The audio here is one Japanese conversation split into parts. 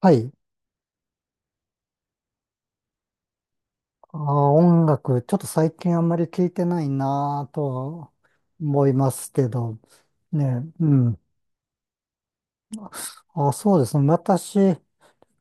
はい。あー、音楽、ちょっと最近あんまり聞いてないなぁと思いますけど、ね、うん。あ、そうですね。私、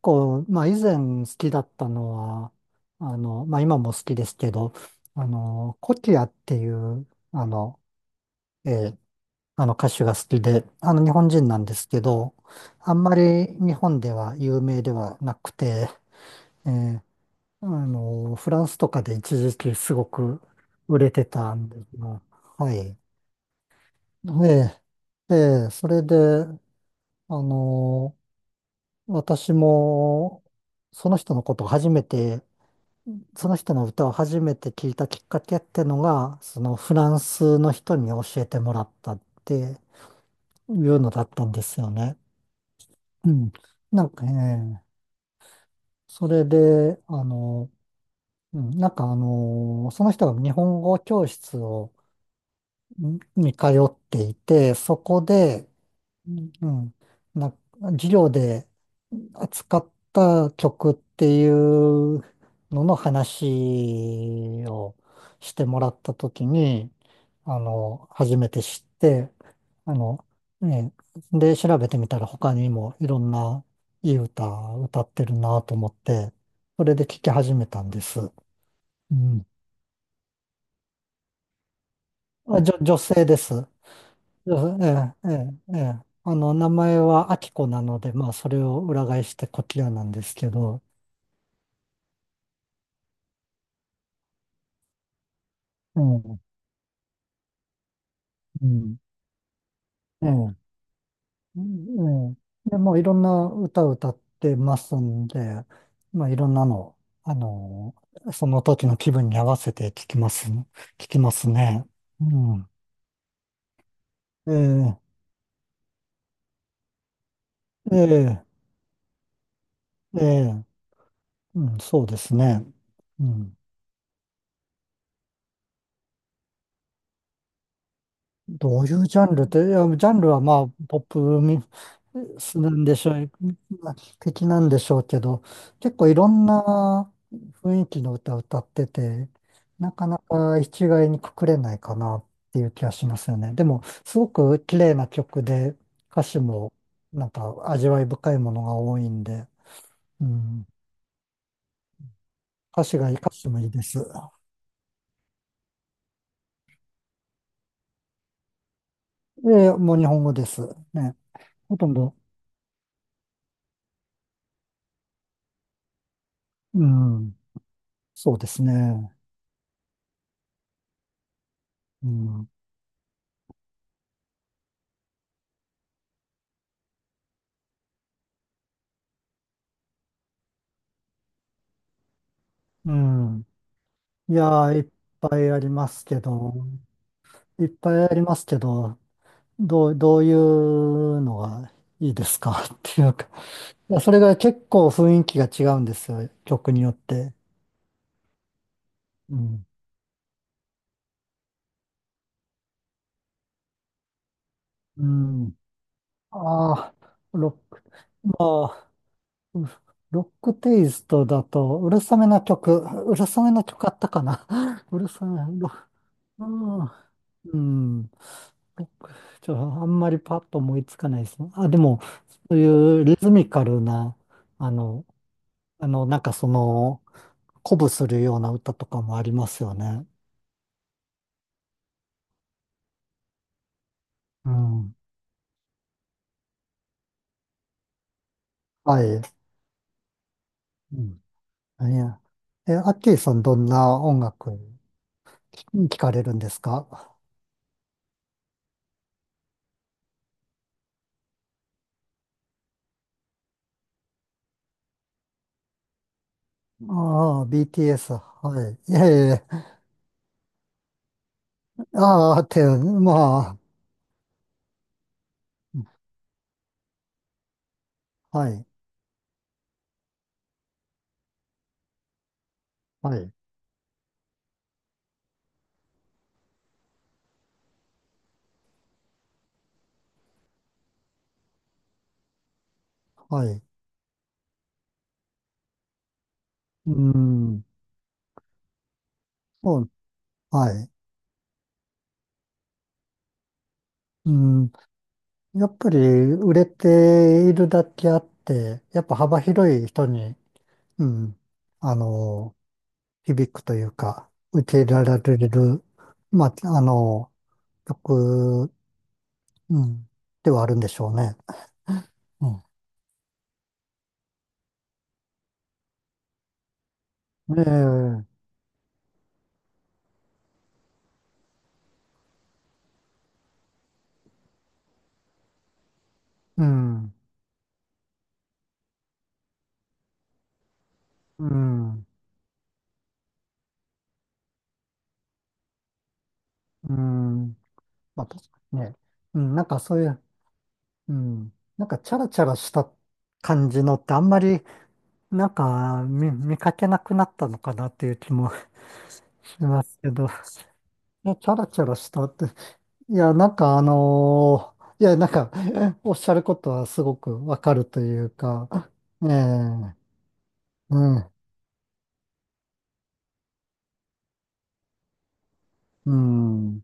こう、まあ以前好きだったのは、まあ今も好きですけど、コキアっていう、えーあの歌手が好きで、あの日本人なんですけど、あんまり日本では有名ではなくて、えーあの、フランスとかで一時期すごく売れてたんですが、はい。ええ、ええ、それで、あの、私も、その人のことを初めて、その人の歌を初めて聞いたきっかけってのが、そのフランスの人に教えてもらったっていうのだったんですよね。うん。なんかね、それで、うん、その人が日本語教室を、に通っていて、そこで、うん、な、授業で扱った曲っていうのの話をしてもらったときに、あの、初めて知って、あの、ね、で、調べてみたら他にもいろんないい歌歌ってるなと思って、それで聴き始めたんです。うん。あ、女性です。そうですええ、ええ、ええ。あの、名前はアキコなので、まあ、それを裏返してコキアなんですけど、うん、うん、ええ、うんええ。で、もういろんな歌を歌ってますんで、まあ、いろんなの、あの、その時の気分に合わせて聞きますね。うん、ええ、ええ、ええ、うん、そうですね。うんどういうジャンルって、いや、ジャンルはまあ、ポップミスなんでしょう、的なんでしょうけど、結構いろんな雰囲気の歌を歌ってて、なかなか一概にくくれないかなっていう気がしますよね。でも、すごく綺麗な曲で、歌詞もなんか味わい深いものが多いんで、うん、歌詞もいいです。で、もう日本語です。ね。ほとんど、うん、そうですね。うん、うんいやー、いっぱいありますけど、いっぱいありますけど、どういうのがいいですか っていうか、いや、それが結構雰囲気が違うんですよ、曲によって。うん。うん。ああ、ロック、まあ、うロックテイストだと、うるさめな曲、うるさめな曲あったかな うるさめ、ロうん。うんちょ、あんまりパッと思いつかないですね。あ、でも、そういうリズミカルな、あの、あの、鼓舞するような歌とかもありますよね。うん。はい。うん。いや。え、アッキーさんどんな音楽聞かれるんですかああ、BTS。はい。いやいやいやああ、って、まあ、はい。はい。はい。うん。そう。はい。うん。やっぱり売れているだけあって、やっぱ幅広い人に、うん、あの、響くというか、受け入れられる、まあ、あの、曲、うん、ではあるんでしょうね。うん。ええ、うん、うん、うん。まあ、確かにね。うん、なんかそういう、うん、なんかチャラチャラした感じのってあんまり、見かけなくなったのかなっていう気もしますけど。もうチャラチャラしたって。いや、おっしゃることはすごくわかるというか、ええうん、うん。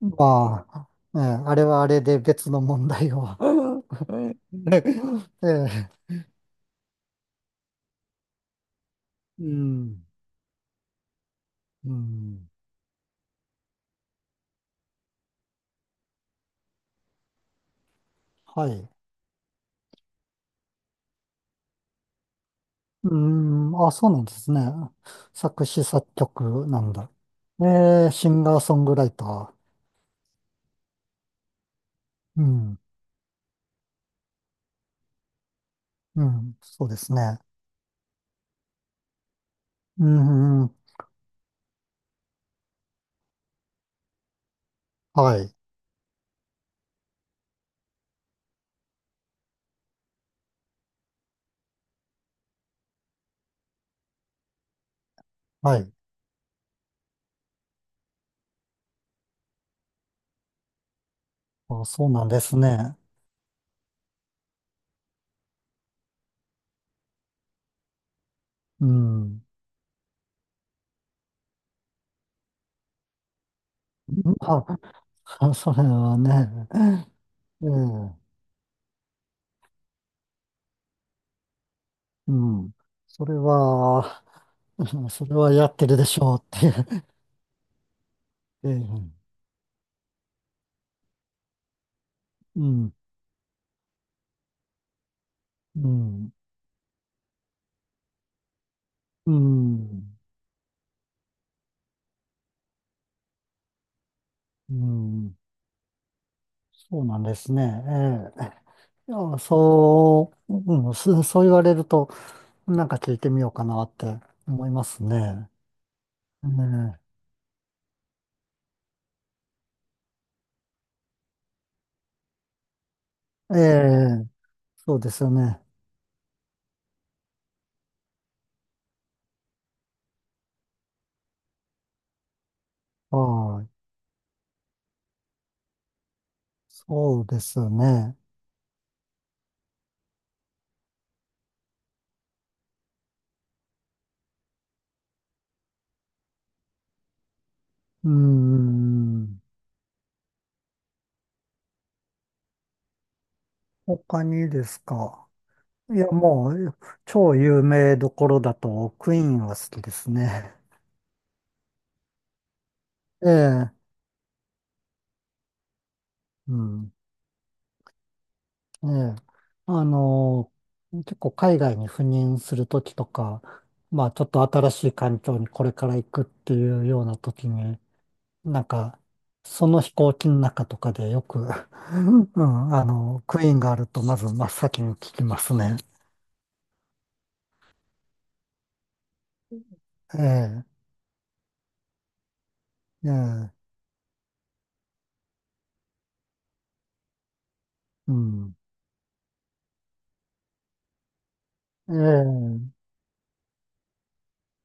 まあ、ええあれはあれで別の問題を。ええうん、うん、はい。うん、あ、そうなんですね。作詞作曲なんだ。ええシンガーソングライター。うん、うん、そうですね。うん、うんはい。はい。あ、そうなんですね。うん。まあ、それはね、ええ、うん。それは、それはやってるでしょうっていう。ええ、うん、うん、うん、うん、そうなんですね。ええ。いや、そう、うん、そう言われると、なんか聞いてみようかなって思いますね。ねえええ、そうですよね。はい。そうですね。うーん。他にですか。いや、もう、超有名どころだと、クイーンは好きですね。ええ、うん。ええ。あの、結構海外に赴任するときとか、まあ、ちょっと新しい環境にこれから行くっていうようなときに、なんか、その飛行機の中とかでよく、うん、あの、クイーンがあると、まず真っ先に聞きますね。ええ、ええ、うん。ええ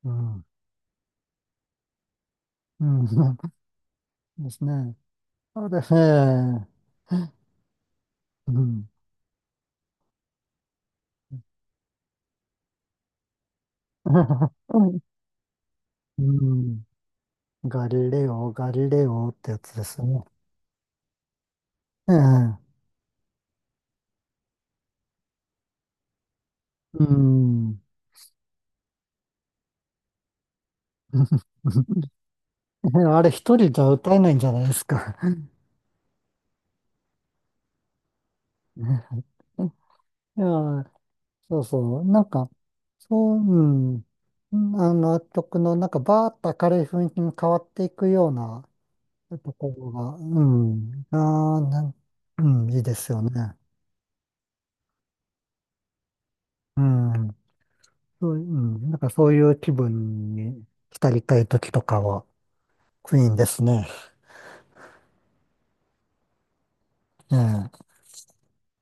うん。うん。ですね。なのですね、うん。うん。ガリレオ、ガリレオってやつですね。ええ。うん。あれ一人じゃ歌えないんじゃないですか。いや、そうそう。なんか、そう、うん。うんあの曲の、なんか、バーッと明るい雰囲気に変わっていくようなところが、うん。ああ、なん、うん、いいですよね。うん、そう、うん、なんかそういう気分に浸りたい時とかは、クイーンですね。ええ